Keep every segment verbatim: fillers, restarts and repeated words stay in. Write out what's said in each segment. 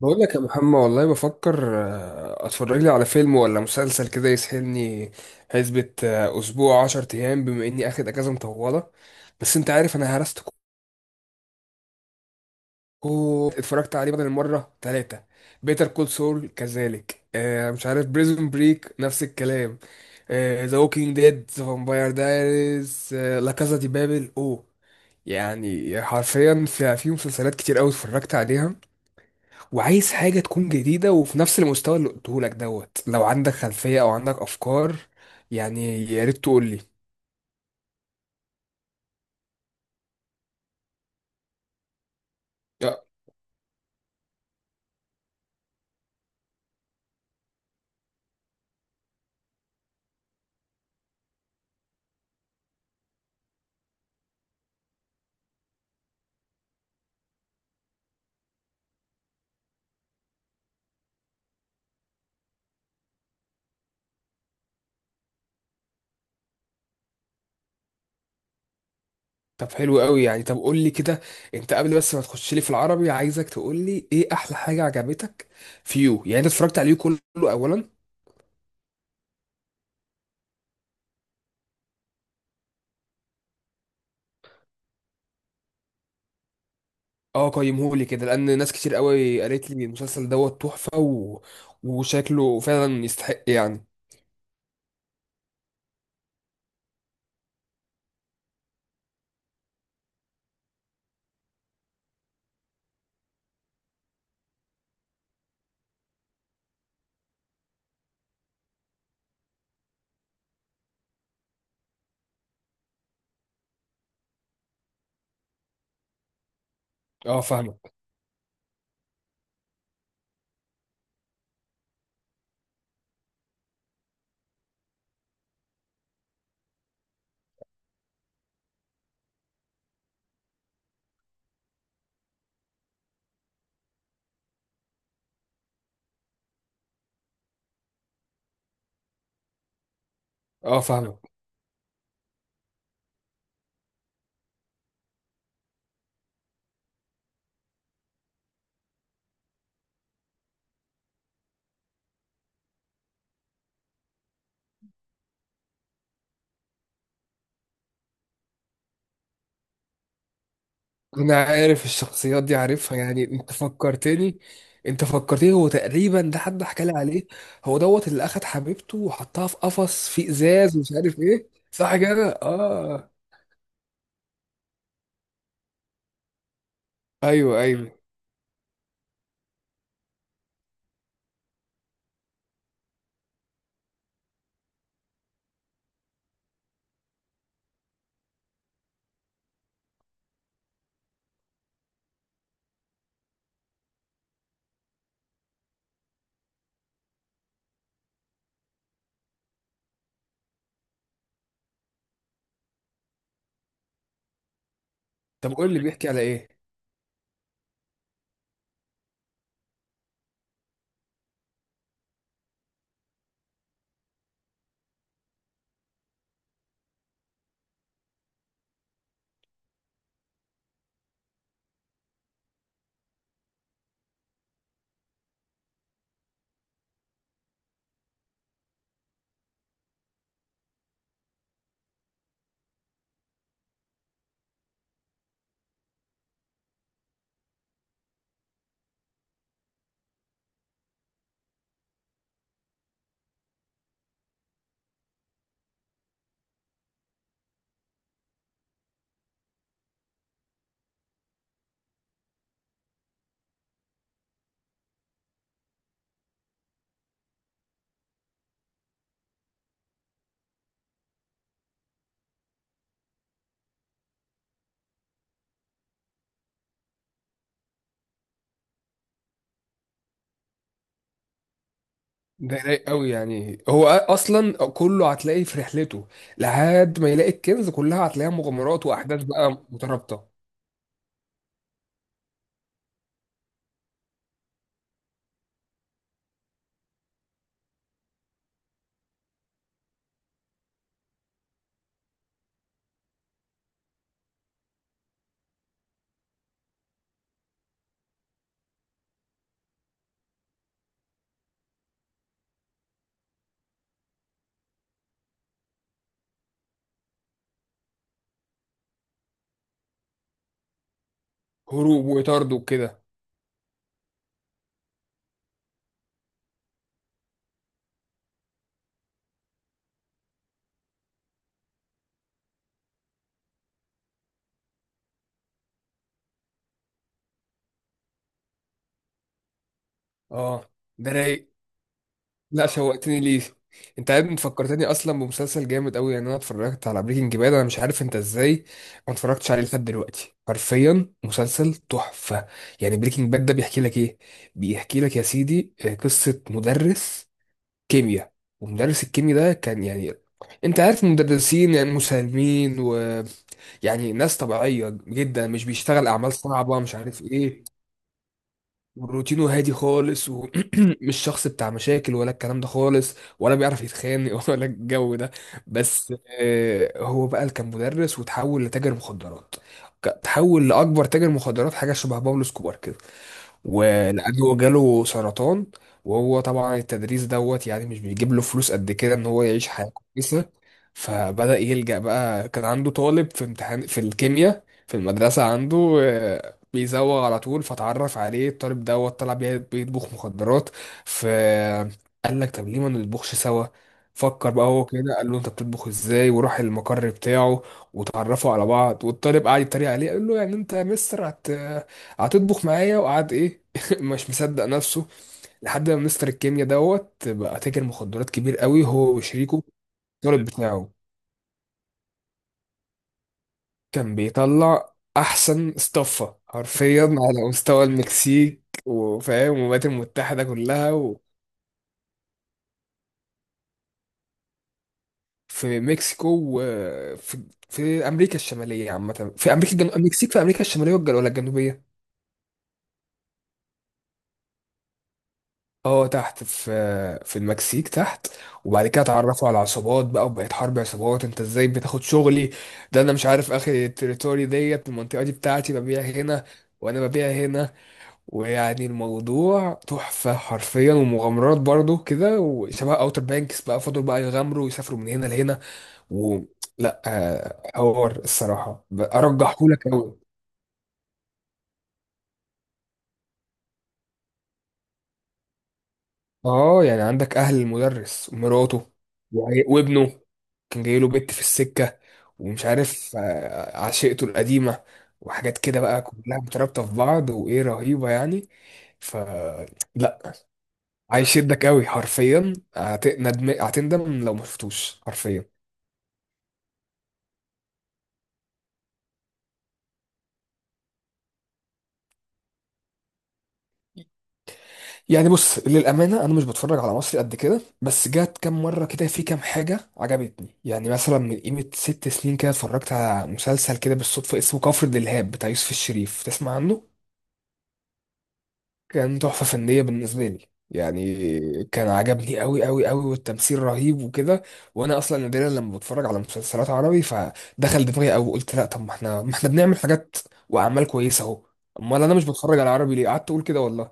بقول لك يا محمد، والله بفكر آه، اتفرج لي على فيلم ولا مسلسل كده يسحلني حسبة. آه، اسبوع عشر ايام، بما اني اخد اجازه مطوله. بس انت عارف انا هرست، كو اتفرجت عليه بدل المره ثلاثه. بيتر كول سول كذلك، آه، مش عارف، بريزون بريك نفس الكلام، ذا ووكينج ديد، ذا فامباير دايريز، لا كازا دي بابل، اوه. يعني حرفيا في في مسلسلات كتير قوي اتفرجت عليها، وعايز حاجة تكون جديدة وفي نفس المستوى اللي قلته لك دوت. لو عندك خلفية أو عندك أفكار، يعني يا ريت تقول لي. آه، طب حلو قوي يعني. طب قول لي كده، أنت قبل بس ما تخش لي في العربي، عايزك تقول لي إيه أحلى حاجة عجبتك في يو. يعني أنت اتفرجت عليه كله أولا؟ أه قيمه لي كده، لأن ناس كتير قوي قالت لي المسلسل دوت تحفة، و... وشكله فعلا يستحق يعني. أه فاهمك. أه فاهمك. انا عارف الشخصيات دي، عارفها يعني. انت فكرتني. انت فكرتني، هو تقريبا ده حد حكى لي عليه. هو دوت اللي اخد حبيبته وحطها في قفص في ازاز، ومش عارف ايه، صح كده، اه. ايوه، ايوه. طب قول لي بيحكي على ايه. ده رايق قوي يعني. هو أ- اصلا كله هتلاقيه في رحلته، لحد ما يلاقي الكنز، كلها هتلاقيها مغامرات واحداث بقى مترابطه، هروب وطرد وكده. اه، ده رايق. لا، شوقتني ليه. انت عارف، انت فكرتني اصلا بمسلسل جامد قوي. يعني انا اتفرجت على بريكنج باد، انا مش عارف انت ازاي ما اتفرجتش عليه لحد دلوقتي. حرفيا مسلسل تحفه. يعني بريكنج باد ده بيحكي لك ايه؟ بيحكي لك يا سيدي، آه، قصه مدرس كيمياء. ومدرس الكيمياء ده كان يعني، انت عارف المدرسين يعني مسالمين، ويعني ناس طبيعيه جدا، مش بيشتغل اعمال صعبه، مش عارف ايه. وروتينه هادي خالص، ومش شخص بتاع مشاكل، ولا الكلام ده خالص، ولا بيعرف يتخانق ولا الجو ده. بس آه، هو بقى اللي كان مدرس وتحول لتاجر مخدرات. ك- تحول لأكبر تاجر مخدرات، حاجة شبه بابلو سكوبار كده. ولأجله جاله سرطان. وهو طبعا التدريس دوت يعني مش بيجيب له فلوس قد كده ان هو يعيش حياة كويسة. فبدأ يلجأ بقى. كان عنده طالب في امتحان في الكيمياء في المدرسة عنده، آه، بيزوغ على طول، فتعرف عليه. الطالب دوت طلع بي- بيطبخ مخدرات. فقال لك طب ليه ما نطبخش سوا. فكر بقى هو كده، قال له انت بتطبخ ازاي، وراح المقر بتاعه، وتعرفوا على بعض. والطالب قعد يتريق عليه، قال له يعني انت يا مستر هتطبخ معايا؟ وقعد ايه مش مصدق نفسه. لحد ما مستر الكيمياء دوت بقى تاجر مخدرات كبير قوي، هو وشريكه الولد بتاعه، كان بيطلع احسن استفه حرفيا على مستوى المكسيك، وفاهم، والولايات المتحده كلها. وفي مكسيكو، وفي في امريكا الشماليه عامه، في امريكا الجنوبيه، المكسيك في امريكا الشماليه، والج- ولا الجنوبيه. اه تحت، في في المكسيك تحت. وبعد كده اتعرفوا على عصابات بقى، وبقت حرب عصابات: انت ازاي بتاخد شغلي، ده انا مش عارف، اخر التريتوري ديت، المنطقة دي بتاعتي ببيع هنا، وانا ببيع هنا. ويعني الموضوع تحفة حرفيا، ومغامرات برضو كده، وشبه اوتر بانكس بقى، فضلوا بقى يغامروا ويسافروا من هنا لهنا. و لا، آه، حوار الصراحة ارجحهولك قوي. اه يعني عندك اهل المدرس ومراته، وعي- وابنه، كان جاي له بنت في السكه، ومش عارف، آه، عشيقته القديمه، وحاجات كده بقى كلها مترابطه في بعض، وايه رهيبه يعني. ف لا، هيشدك قوي حرفيا، هت- ندم- هتندم لو ما شفتوش حرفيا. يعني بص للأمانة، أنا مش بتفرج على مصري قد كده، بس جات كام مرة كده في كام حاجة عجبتني. يعني مثلا من قيمة ست سنين كده، اتفرجت على مسلسل كده بالصدفة، اسمه كفر دلهاب، بتاع يوسف الشريف. تسمع عنه؟ كان تحفة فنية بالنسبة لي يعني. كان عجبني قوي قوي قوي، والتمثيل رهيب وكده. وأنا أصلا نادرا لما بتفرج على مسلسلات عربي، فدخل دماغي قوي، وقلت لا، طب ما احنا ما احنا بنعمل حاجات وأعمال كويسة أهو. أمال أنا مش بتفرج على عربي ليه؟ قعدت أقول كده والله.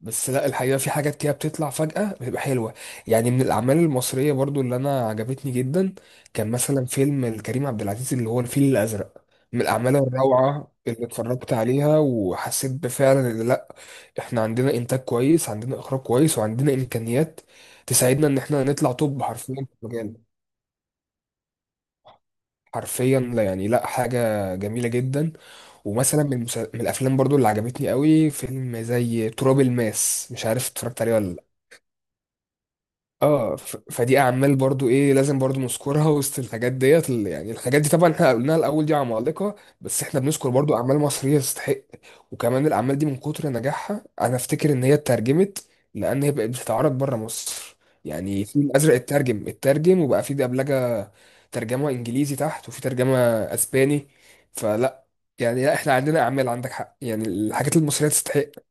بس لا، الحقيقة في حاجات كده بتطلع فجأة بتبقى حلوة. يعني من الأعمال المصرية برضو اللي أنا عجبتني جدا، كان مثلا فيلم لكريم عبد العزيز، اللي هو الفيل الأزرق، من الأعمال الروعة اللي اتفرجت عليها، وحسيت بفعلا إن لأ، إحنا عندنا إنتاج كويس، عندنا إخراج كويس، وعندنا إمكانيات تساعدنا إن إحنا نطلع توب حرفيا في المجال. حرفيا، لا يعني، لأ حاجة جميلة جدا. ومثلا من، المسا- من الأفلام برضو اللي عجبتني قوي، فيلم زي تراب الماس. مش عارف اتفرجت عليه ولا لأ. اه، ف- فدي اعمال برضو ايه لازم برضو نذكرها وسط الحاجات ديت ال- يعني الحاجات دي، طبعا احنا قلناها الاول، دي عمالقه. بس احنا بنذكر برضو اعمال مصريه تستحق. وكمان الاعمال دي من كتر نجاحها، انا افتكر ان هي اترجمت، لان هي بقت بتتعرض بره مصر. يعني الفيل الازرق اترجم، اترجم وبقى في دبلجه، ترجمه انجليزي تحت، وفي ترجمه اسباني. فلا، يعني لا، احنا عندنا اعمال، عندك حق، يعني الحاجات المصريه تستحق.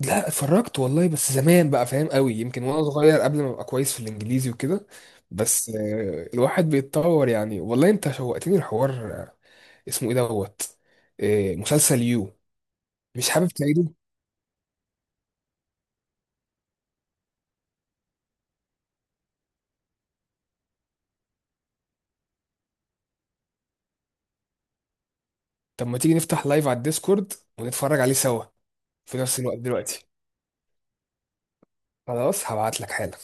لا اتفرجت والله، بس زمان بقى فاهم، قوي يمكن وانا صغير قبل ما ابقى كويس في الانجليزي وكده. بس آه، الواحد بيتطور يعني. والله انت شوقتني الحوار. آه، اسمه ايه دوت؟ آه، مسلسل يو. مش حابب تعيده؟ طب ما تيجي نفتح لايف على الديسكورد، ونتفرج عليه سوا في نفس الوقت دلوقتي. خلاص هبعت لك حالا.